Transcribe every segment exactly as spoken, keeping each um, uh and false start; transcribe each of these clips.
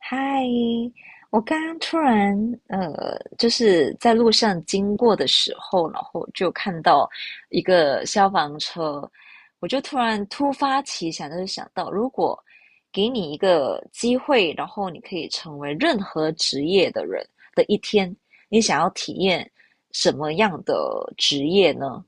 嗨，我刚刚突然呃，就是在路上经过的时候，然后就看到一个消防车，我就突然突发奇想，就是想到，如果给你一个机会，然后你可以成为任何职业的人的一天，你想要体验什么样的职业呢？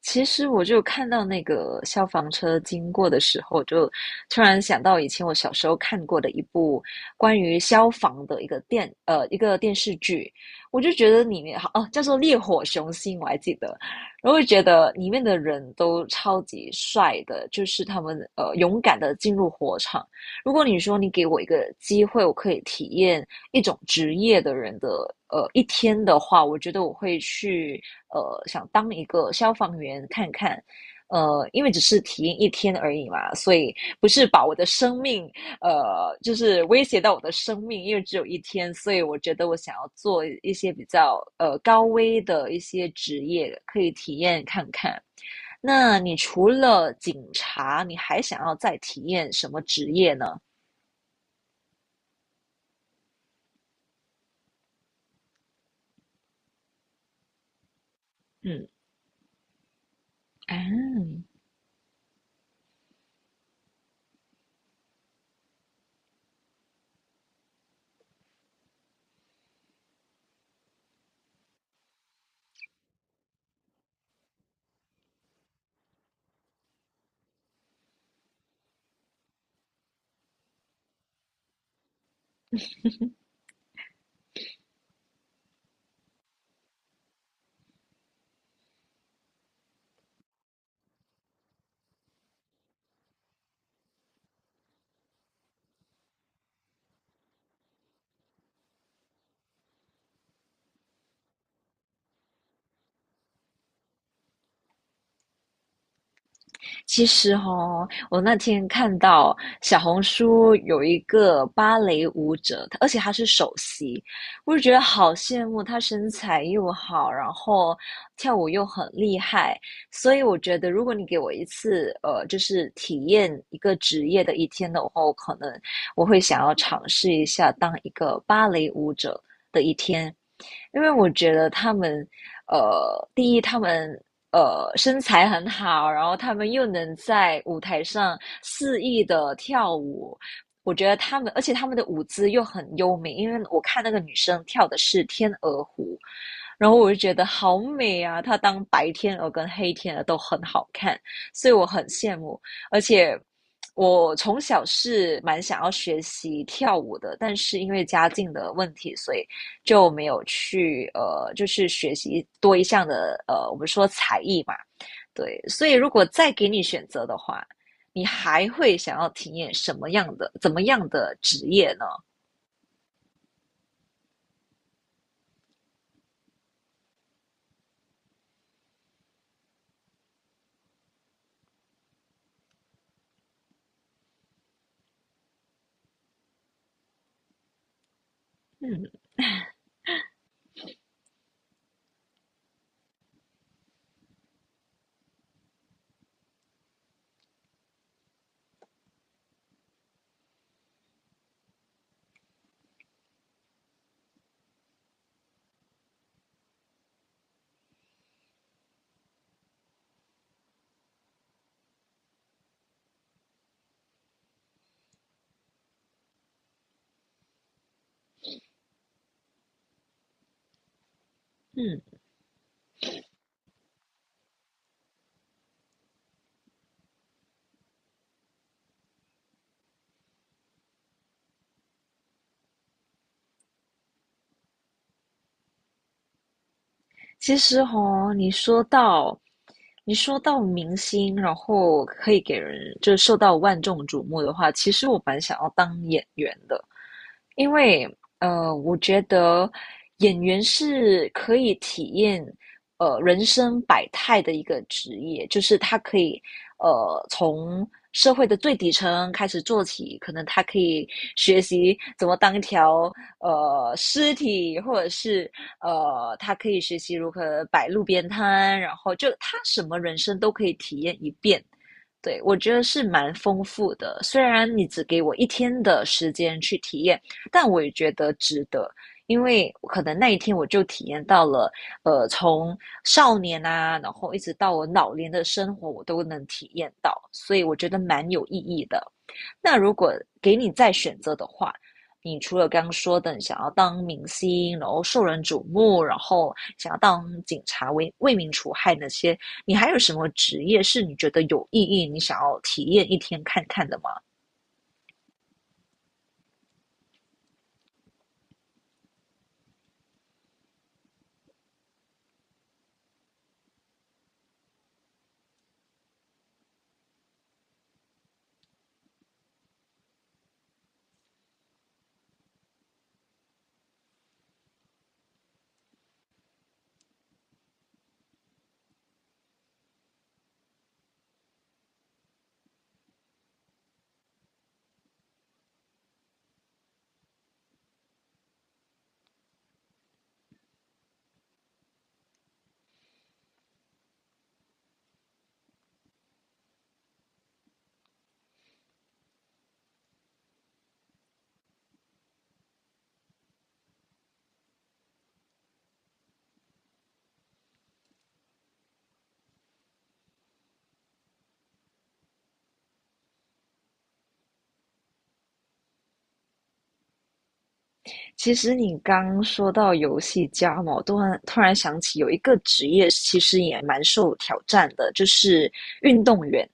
其实我就看到那个消防车经过的时候，就突然想到以前我小时候看过的一部关于消防的一个电呃一个电视剧，我就觉得里面好哦叫做《烈火雄心》，我还记得，然后就觉得里面的人都超级帅的，就是他们呃勇敢的进入火场。如果你说你给我一个机会，我可以体验一种职业的人的呃一天的话，我觉得我会去呃想当一个消防员看看。呃，因为只是体验一天而已嘛，所以不是把我的生命呃就是威胁到我的生命，因为只有一天，所以我觉得我想要做一些比较呃高危的一些职业，可以体验看看。那你除了警察，你还想要再体验什么职业呢？嗯。嗯。其实哦，我那天看到小红书有一个芭蕾舞者，她而且她是首席，我就觉得好羡慕，她身材又好，然后跳舞又很厉害，所以我觉得如果你给我一次，呃，就是体验一个职业的一天的话，我可能我会想要尝试一下当一个芭蕾舞者的一天。因为我觉得他们，呃，第一，他们呃身材很好，然后他们又能在舞台上肆意的跳舞。我觉得他们，而且他们的舞姿又很优美，因为我看那个女生跳的是天鹅湖，然后我就觉得好美啊！她当白天鹅跟黑天鹅都很好看，所以我很羡慕。而且我从小是蛮想要学习跳舞的，但是因为家境的问题，所以就没有去呃，就是学习多一项的呃，我们说才艺嘛，对。所以如果再给你选择的话，你还会想要体验什么样的、怎么样的职业呢？嗯。嗯。其实哦，你说到你说到明星，然后可以给人就是受到万众瞩目的话，其实我蛮想要当演员的。因为呃，我觉得演员是可以体验呃人生百态的一个职业，就是他可以呃从社会的最底层开始做起，可能他可以学习怎么当一条呃尸体，或者是呃他可以学习如何摆路边摊，然后就他什么人生都可以体验一遍。对，我觉得是蛮丰富的，虽然你只给我一天的时间去体验。但我也觉得值得，因为可能那一天我就体验到了，呃，从少年啊，然后一直到我老年的生活，我都能体验到，所以我觉得蛮有意义的。那如果给你再选择的话，你除了刚刚说的你想要当明星，然后受人瞩目，然后想要当警察为为民除害那些，你还有什么职业是你觉得有意义，你想要体验一天看看的吗？其实你刚说到游戏家嘛，我突然突然想起有一个职业其实也蛮受挑战的，就是运动员。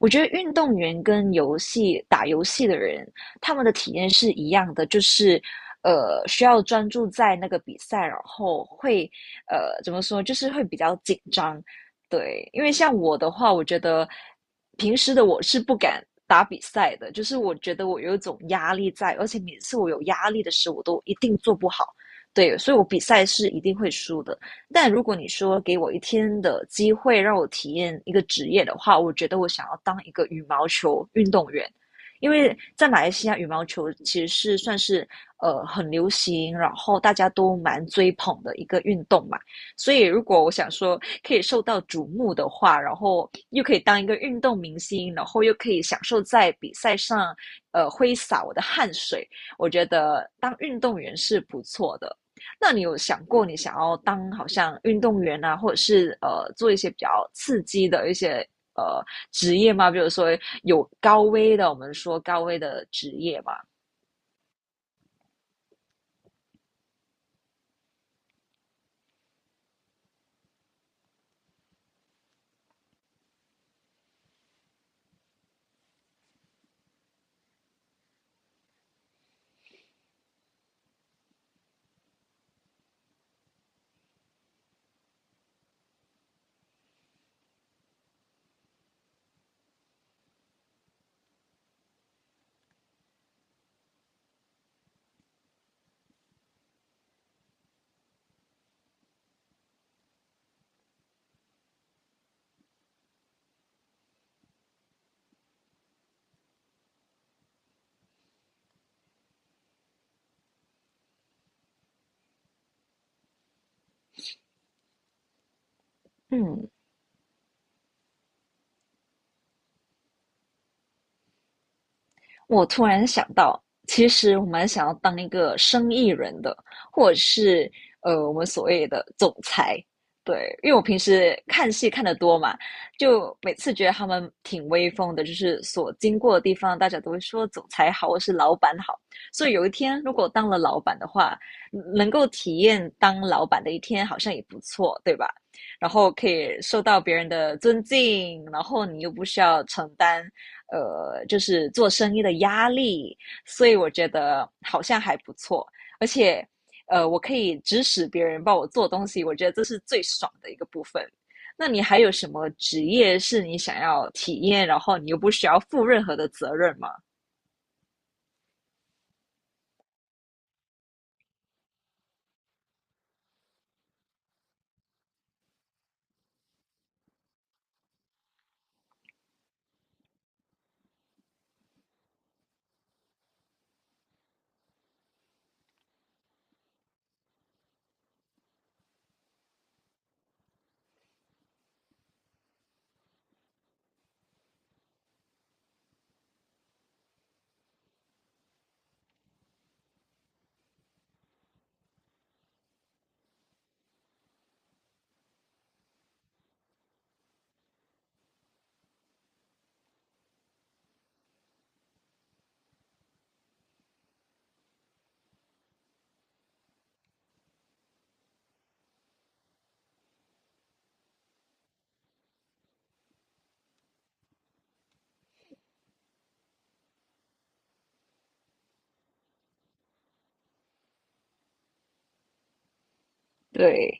我觉得运动员跟游戏打游戏的人，他们的体验是一样的，就是呃需要专注在那个比赛，然后会呃怎么说，就是会比较紧张。对，因为像我的话，我觉得平时的我是不敢打比赛的，就是我觉得我有一种压力在，而且每次我有压力的时候，我都一定做不好。对，所以我比赛是一定会输的。但如果你说给我一天的机会让我体验一个职业的话，我觉得我想要当一个羽毛球运动员，因为在马来西亚羽毛球其实是算是呃很流行，然后大家都蛮追捧的一个运动嘛。所以，如果我想说可以受到瞩目的话，然后又可以当一个运动明星，然后又可以享受在比赛上，呃，挥洒我的汗水，我觉得当运动员是不错的。那你有想过你想要当好像运动员啊，或者是呃做一些比较刺激的一些呃职业吗？比如说有高危的，我们说高危的职业嘛。嗯。我突然想到，其实我蛮想要当一个生意人的，或者是呃，我们所谓的总裁。对，因为我平时看戏看得多嘛，就每次觉得他们挺威风的，就是所经过的地方，大家都会说总裁好，或是老板好。所以有一天，如果当了老板的话，嗯能够体验当老板的一天，好像也不错，对吧？然后可以受到别人的尊敬，然后你又不需要承担呃，就是做生意的压力，所以我觉得好像还不错，而且呃，我可以指使别人帮我做东西，我觉得这是最爽的一个部分。那你还有什么职业是你想要体验，然后你又不需要负任何的责任吗？对，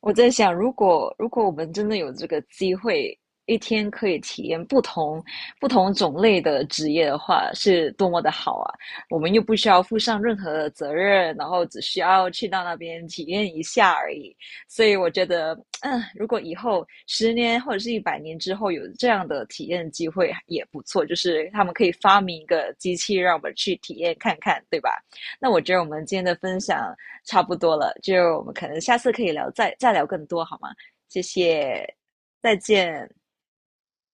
我在想，如果如果我们真的有这个机会，一天可以体验不同不同种类的职业的话，是多么的好啊！我们又不需要负上任何的责任，然后只需要去到那边体验一下而已。所以我觉得，嗯，如果以后十年或者是一百年之后有这样的体验机会也不错，就是他们可以发明一个机器让我们去体验看看，对吧？那我觉得我们今天的分享。差不多了，就我们可能下次可以聊，再再聊更多好吗？谢谢，再见。